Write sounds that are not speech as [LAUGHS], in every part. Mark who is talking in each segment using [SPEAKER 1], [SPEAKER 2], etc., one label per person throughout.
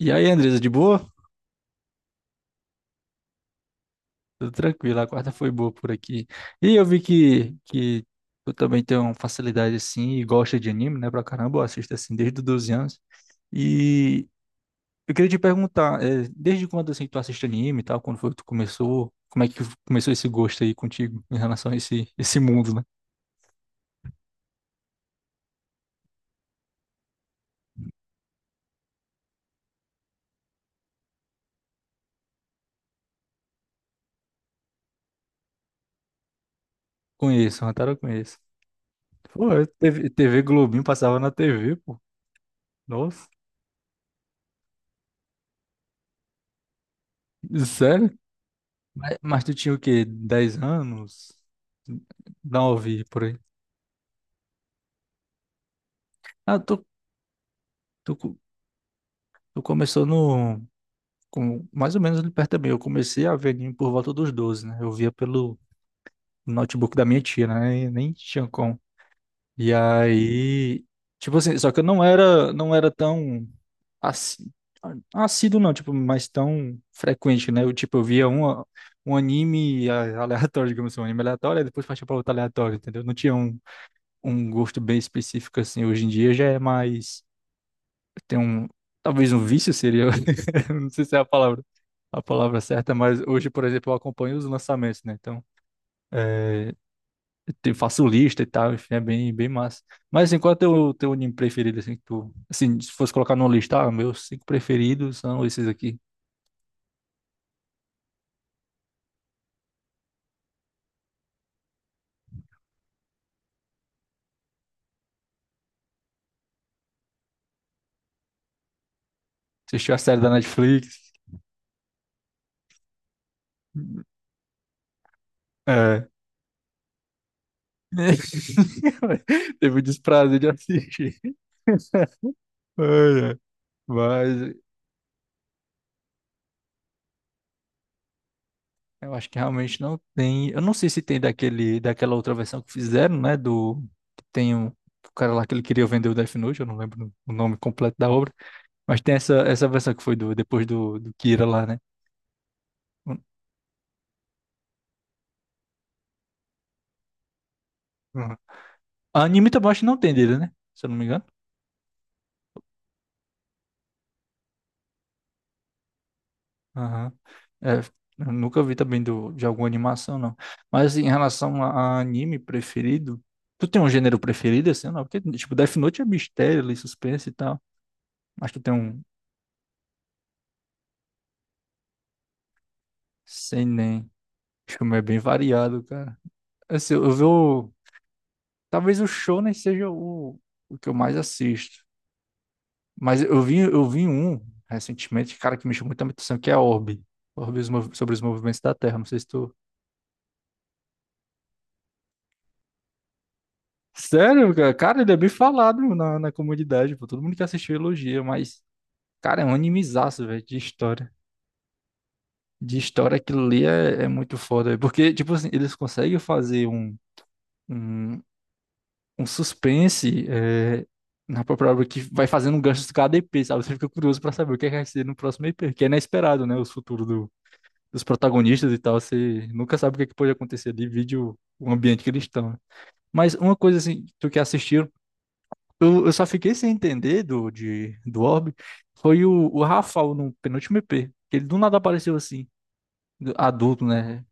[SPEAKER 1] E aí, Andresa, de boa? Tudo tranquilo, a quarta foi boa por aqui. E eu vi que tu também tem uma facilidade assim e gosta de anime, né, pra caramba, eu assisto assim desde os 12 anos. E eu queria te perguntar, desde quando assim tu assiste anime e tal, quando foi que tu começou, como é que começou esse gosto aí contigo em relação a esse mundo, né? Conheço, Hantaro eu conheço. Pô, TV Globinho passava na TV, pô. Nossa, sério? Mas tu tinha o quê? 10 anos? 9, por aí. Ah, tu, tu, co- Tu começou no, com, mais ou menos ali perto também. Eu comecei a ver anime por volta dos 12, né? Eu via pelo notebook da minha tia, né? E nem tinha como. E aí, tipo assim, só que eu não era, não era tão assi- assíduo, não, tipo, mas tão frequente, né? Eu, tipo, eu via um anime aleatório, [LAUGHS] digamos assim, um anime aleatório, e depois partia pra outro aleatório, entendeu? Não tinha um gosto bem específico, assim. Hoje em dia já é mais... Tem um... Talvez um vício seria [LAUGHS] eu não sei se é a palavra certa, mas hoje, por exemplo, eu acompanho os lançamentos, né? Então, é, faço lista e tal, enfim, é bem, bem massa. Mas, assim, qual é o teu anime preferido, assim, que tu... Assim, se fosse colocar numa lista, ah, meus cinco preferidos são esses aqui. Assistiu a série da Netflix? É. [LAUGHS] Teve o desprazer de assistir. [LAUGHS] Ai, ai. Mas eu acho que realmente não tem. Eu não sei se tem daquela outra versão que fizeram, né? Do. Tem um, o cara lá que ele queria vender o Death Note, eu não lembro o nome completo da obra. Mas tem essa versão que foi do, depois do Kira lá, né? Uhum. A anime também acho que não tem dele, né? Se eu não me engano. Aham. É, eu nunca vi também do, de alguma animação, não. Mas em relação a anime preferido, tu tem um gênero preferido, assim, ou não? Porque, tipo, Death Note é mistério, ali, suspense e tal. Mas tu tem um. Sei, filme é bem variado, cara. Assim, talvez o Shonen seja o que eu mais assisto. Mas eu vi um recentemente, cara, que me chamou muita atenção, que é Orbe. Sobre os movimentos da Terra. Não sei se tu. Sério, cara? Cara, ele é bem falado na comunidade, pô. Todo mundo que assistiu elogia, mas, cara, é um animezaço, velho, de história. De história, aquilo ali é, é muito foda, velho. Porque, tipo assim, eles conseguem fazer um. Um- um suspense é, na própria obra que vai fazendo um gancho de cada EP, sabe? Você fica curioso pra saber o que é que vai ser no próximo EP, que é inesperado, né? Dos protagonistas e tal, você nunca sabe o que é que pode acontecer ali, vide o ambiente que eles estão, né? Mas uma coisa assim, tu que assistiu, eu só fiquei sem entender do, de, do Orbe, foi o Rafael no penúltimo EP, que ele do nada apareceu assim, adulto, né?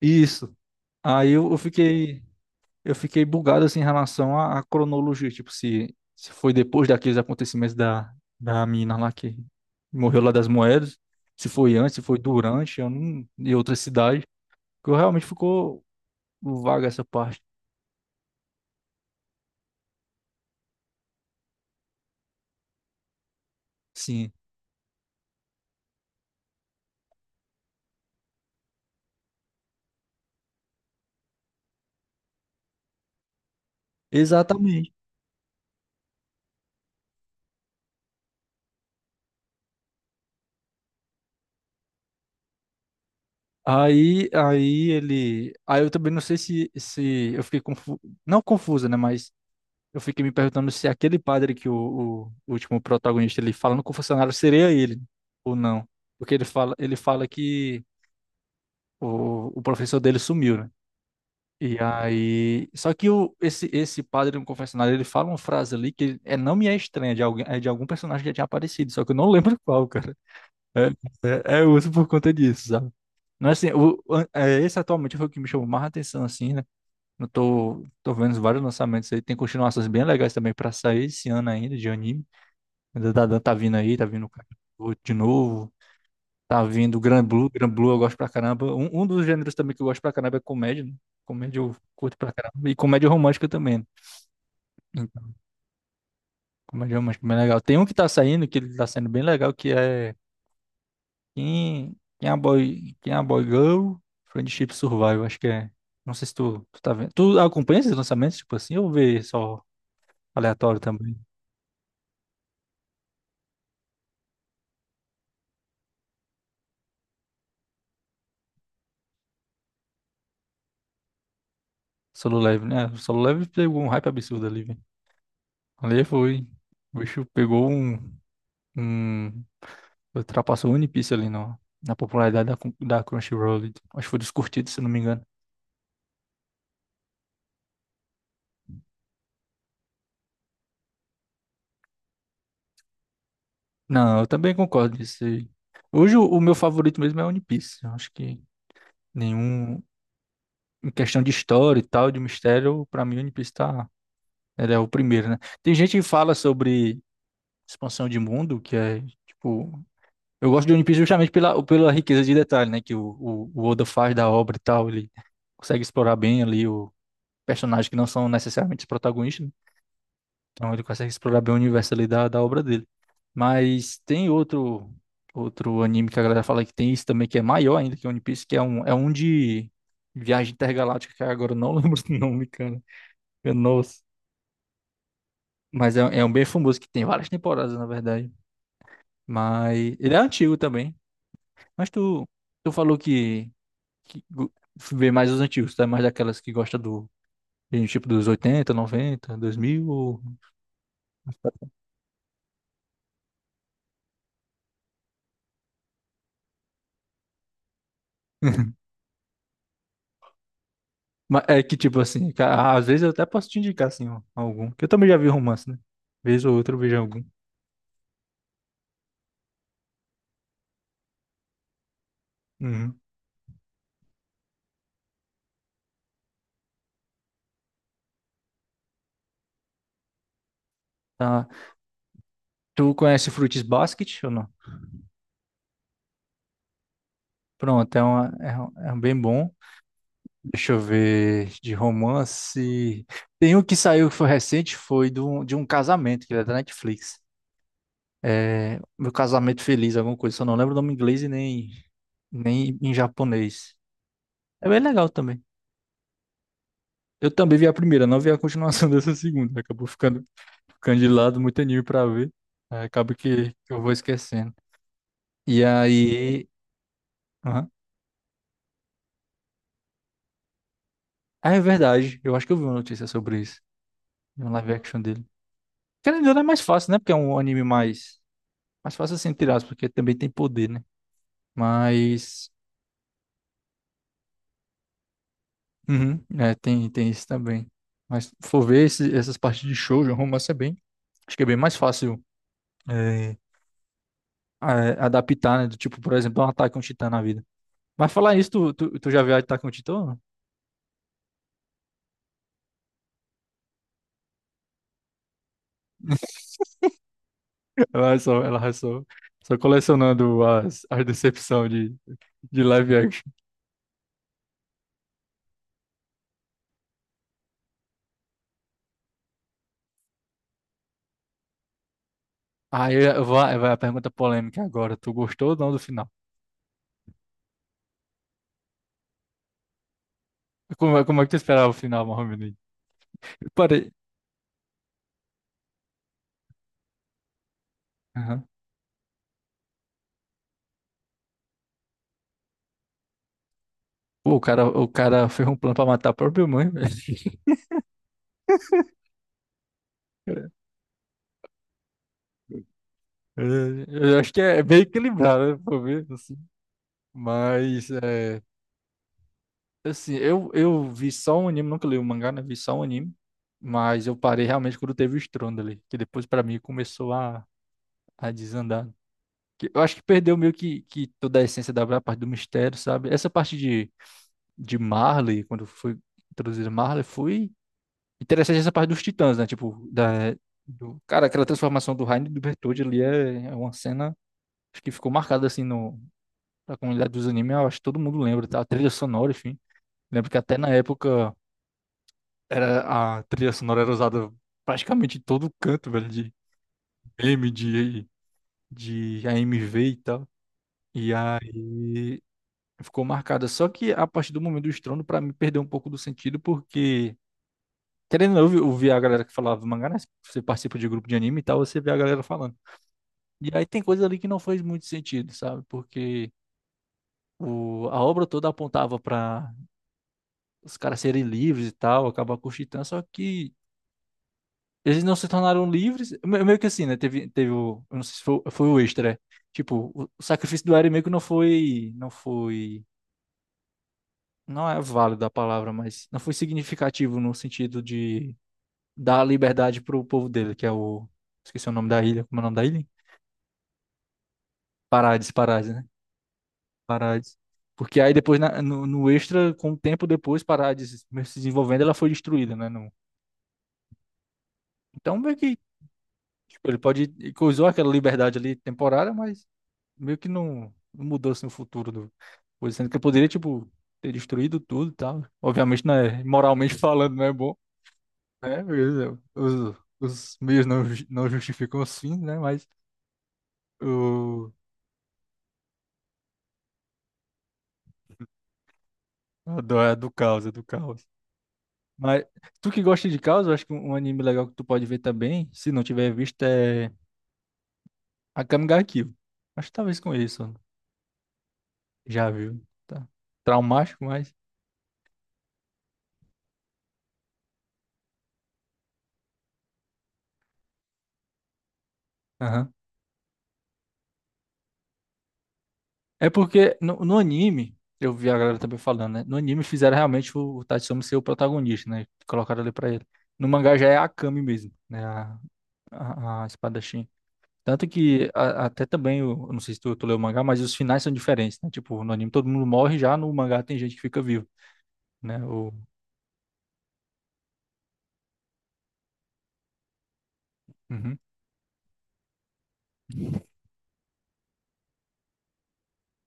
[SPEAKER 1] Isso. Aí eu fiquei. Eu fiquei bugado assim em relação à cronologia, tipo, se foi depois daqueles acontecimentos da mina lá que morreu lá das moedas, se foi antes, se foi durante, eu não, e outra cidade, que eu realmente ficou vaga essa parte. Sim, exatamente. Aí eu também não sei se, se eu fiquei confu... não confusa, né, mas eu fiquei me perguntando se aquele padre que o último protagonista ele fala no confessionário seria ele ou não. Porque ele fala que o professor dele sumiu, né? E aí, só que o, esse padre no confessionário, ele fala uma frase ali que é, não me é estranha, de alguém, é de algum personagem que já tinha aparecido, só que eu não [LAUGHS] lembro qual, cara. É, é uso por conta disso, sabe? Não é assim, esse atualmente foi o que me chamou mais atenção, assim, né? Eu tô vendo vários lançamentos aí, tem continuações bem legais também pra sair esse ano ainda, de anime. Ainda tá, tá vindo o Kakarot de novo. Tá vindo Gran Blue, Gran Blue eu gosto pra caramba. Um dos gêneros também que eu gosto pra caramba é comédia, né? Comédia eu curto pra caramba. E comédia romântica também, né? Então, comédia romântica é bem legal. Tem um que tá saindo, que ele tá saindo bem legal, que é quem é a Boy Girl? Friendship Survival, acho que é. Não sei se tu tá vendo. Tu acompanha esses lançamentos, tipo assim, ou vê só aleatório também? Solo Level, né? O Solo Level pegou um hype absurdo ali, velho. Ali foi. O bicho pegou um, um Ultrapassou o One Piece ali no, na popularidade da, da Crunchyroll. Acho que foi dos curtidos, se não me engano. Não, eu também concordo nisso aí. Hoje o meu favorito mesmo é One Piece. Eu acho que nenhum. Em questão de história e tal, de mistério, pra mim One Piece tá. Ele é o primeiro, né? Tem gente que fala sobre expansão de mundo, que é tipo. Eu gosto de One Piece justamente pela riqueza de detalhe, né? Que o Oda faz da obra e tal. Ele consegue explorar bem ali o personagem que não são necessariamente os protagonistas, né? Então ele consegue explorar bem o universo ali da obra dele. Mas tem outro anime que a galera fala que tem isso também, que é maior ainda que One Piece, que é um de viagem intergaláctica, que agora eu não [LAUGHS] lembro o nome, cara. Meu, nossa. Mas é, é um bem famoso, que tem várias temporadas, na verdade. Mas ele é antigo também. Mas tu falou que vê mais os antigos, tá? Mais daquelas que gosta do, tipo, dos 80, 90, 2000, ou... [LAUGHS] Mas é que, tipo assim, às vezes eu até posso te indicar, assim, ó, algum. Que eu também já vi romance, né? Vez ou outra eu vejo algum. Uhum. Tá. Tu conhece Fruits Basket ou não? Pronto, é um bem bom. Deixa eu ver de romance. Tem um que saiu que foi recente, foi de um casamento, que é da Netflix. É, Meu Casamento Feliz, alguma coisa. Só não lembro o nome em inglês e nem, nem em japonês. É bem legal também. Eu também vi a primeira, não vi a continuação [LAUGHS] dessa segunda. Acabou ficando candidato, muito anime pra ver. Aí acaba que eu vou esquecendo. E aí. Aham. Ah, é verdade. Eu acho que eu vi uma notícia sobre isso. De um live action dele. Querendo ou não, é mais fácil, né? Porque é um anime mais. Mais fácil assim, tirar, porque também tem poder, né? Mas. Uhum, é, tem isso também. Mas se for ver essas partes de shoujo, romance é bem. Acho que é bem mais fácil é, adaptar, né? Do tipo, por exemplo, um Attack on Titan na vida. Mas falar isso, tu já viu Attack on Titan? Ela vai só, só colecionando as, as decepções de live action. Aí vai a pergunta polêmica agora. Tu gostou ou não do final? Como, como é que tu esperava o final, Mohamed? Eu parei. Aham. Pô, o cara fez um plano pra matar a própria mãe, velho. [LAUGHS] É, eu acho que é bem equilibrado, né? Por ver, assim. Mas, é, assim, eu vi só um anime, nunca li o mangá, né? Vi só um anime. Mas eu parei realmente quando teve o estrondo ali. Que depois, pra mim, começou a desandar. Eu acho que perdeu meio que toda a essência da parte do mistério, sabe? Essa parte de Marley, quando foi introduzida Marley, foi interessante essa parte dos titãs, né? Cara, aquela transformação do Rainer e do Bertoldi ali é, é uma cena acho que ficou marcada assim no, na comunidade dos animes. Eu acho que todo mundo lembra, tá? A trilha sonora, enfim. Lembro que até na época era, a trilha sonora era usada praticamente em todo canto, velho, de meme, de AMV e tal. E aí. Ficou marcada. Só que a partir do momento do estrondo, pra mim, perdeu um pouco do sentido, porque, querendo ou não, eu vi a galera que falava mangá, né? Você participa de grupo de anime e tal, você vê a galera falando. E aí tem coisa ali que não faz muito sentido, sabe? Porque a obra toda apontava pra os caras serem livres e tal, acabar com o Titã, só que eles não se tornaram livres. Meio que assim, né? Teve, teve o. Eu não sei se foi, foi o extra. Tipo, o sacrifício do Eren meio que não foi. Não foi, não é válida a palavra, mas não foi significativo no sentido de dar liberdade pro povo dele, que é o. Esqueci o nome da ilha. Como é o nome da ilha? Parades, Parades, né? Parades. Porque aí depois, no extra, com o tempo depois, Parades mesmo se desenvolvendo, ela foi destruída, né? Então, meio que tipo, ele pode. Ele coisou aquela liberdade ali temporária, mas meio que não mudou assim, o futuro do. Sendo que eu poderia, tipo, ter destruído tudo e tal. Obviamente, né? Moralmente [LAUGHS] falando, não é bom, né? Beleza, os meios não justificam os fins, né? Mas o é do caos, é do caos. Mas tu que gosta de caos, eu acho que um anime legal que tu pode ver também, se não tiver visto, é Akame ga Kill. Acho que talvez com isso, já viu, tá? Traumático, mas. Aham. É porque no anime, eu vi a galera também falando, né? No anime fizeram realmente o Tatsumi ser o protagonista, né? Colocaram ali pra ele. No mangá já é a Akame mesmo, né? A espada. Tanto que até também, eu não sei se tu leu o mangá, mas os finais são diferentes, né? Tipo, no anime todo mundo morre, já no mangá tem gente que fica vivo, né? O... Uhum.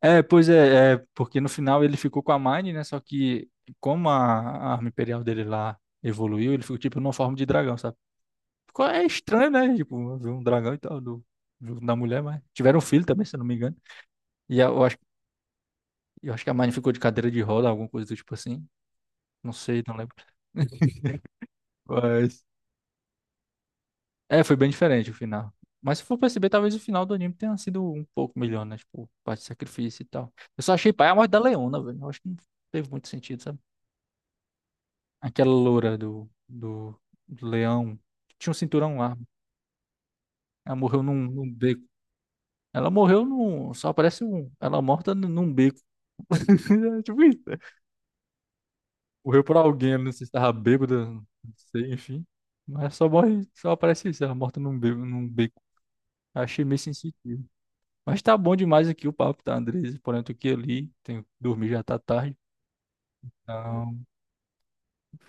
[SPEAKER 1] É, pois é, porque no final ele ficou com a Mine, né? Só que como a arma imperial dele lá evoluiu, ele ficou tipo numa forma de dragão, sabe? É estranho, né? Tipo, ver um dragão e tal, da mulher, mas tiveram um filho também, se eu não me engano. E eu acho que a Mine ficou de cadeira de roda, alguma coisa do tipo assim. Não sei, não lembro. [LAUGHS] Mas é, foi bem diferente o final. Mas se for perceber, talvez o final do anime tenha sido um pouco melhor, né? Tipo, parte de sacrifício e tal. Eu só achei pai a morte da Leona, velho. Eu acho que não teve muito sentido, sabe? Aquela loura do, do leão. Tinha um cinturão lá. Ela morreu num beco. Ela morreu num. Só aparece um. Ela morta num beco. [LAUGHS] É, tipo isso, né? Morreu por alguém, não sei se tava bêbada, não sei, enfim. Mas só morre, só aparece isso, ela morta num beco, num beco. Achei meio sensitivo. Mas tá bom demais aqui o papo, tá, Andres? Porém, eu tô aqui ali, tenho que dormir, já tá tarde. Então,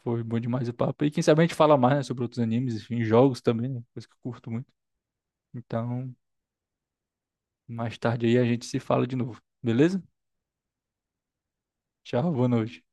[SPEAKER 1] foi bom demais o papo. E quem sabe a gente fala mais, né, sobre outros animes, enfim, jogos também, né? Coisa que eu curto muito. Então, mais tarde aí a gente se fala de novo, beleza? Tchau, boa noite.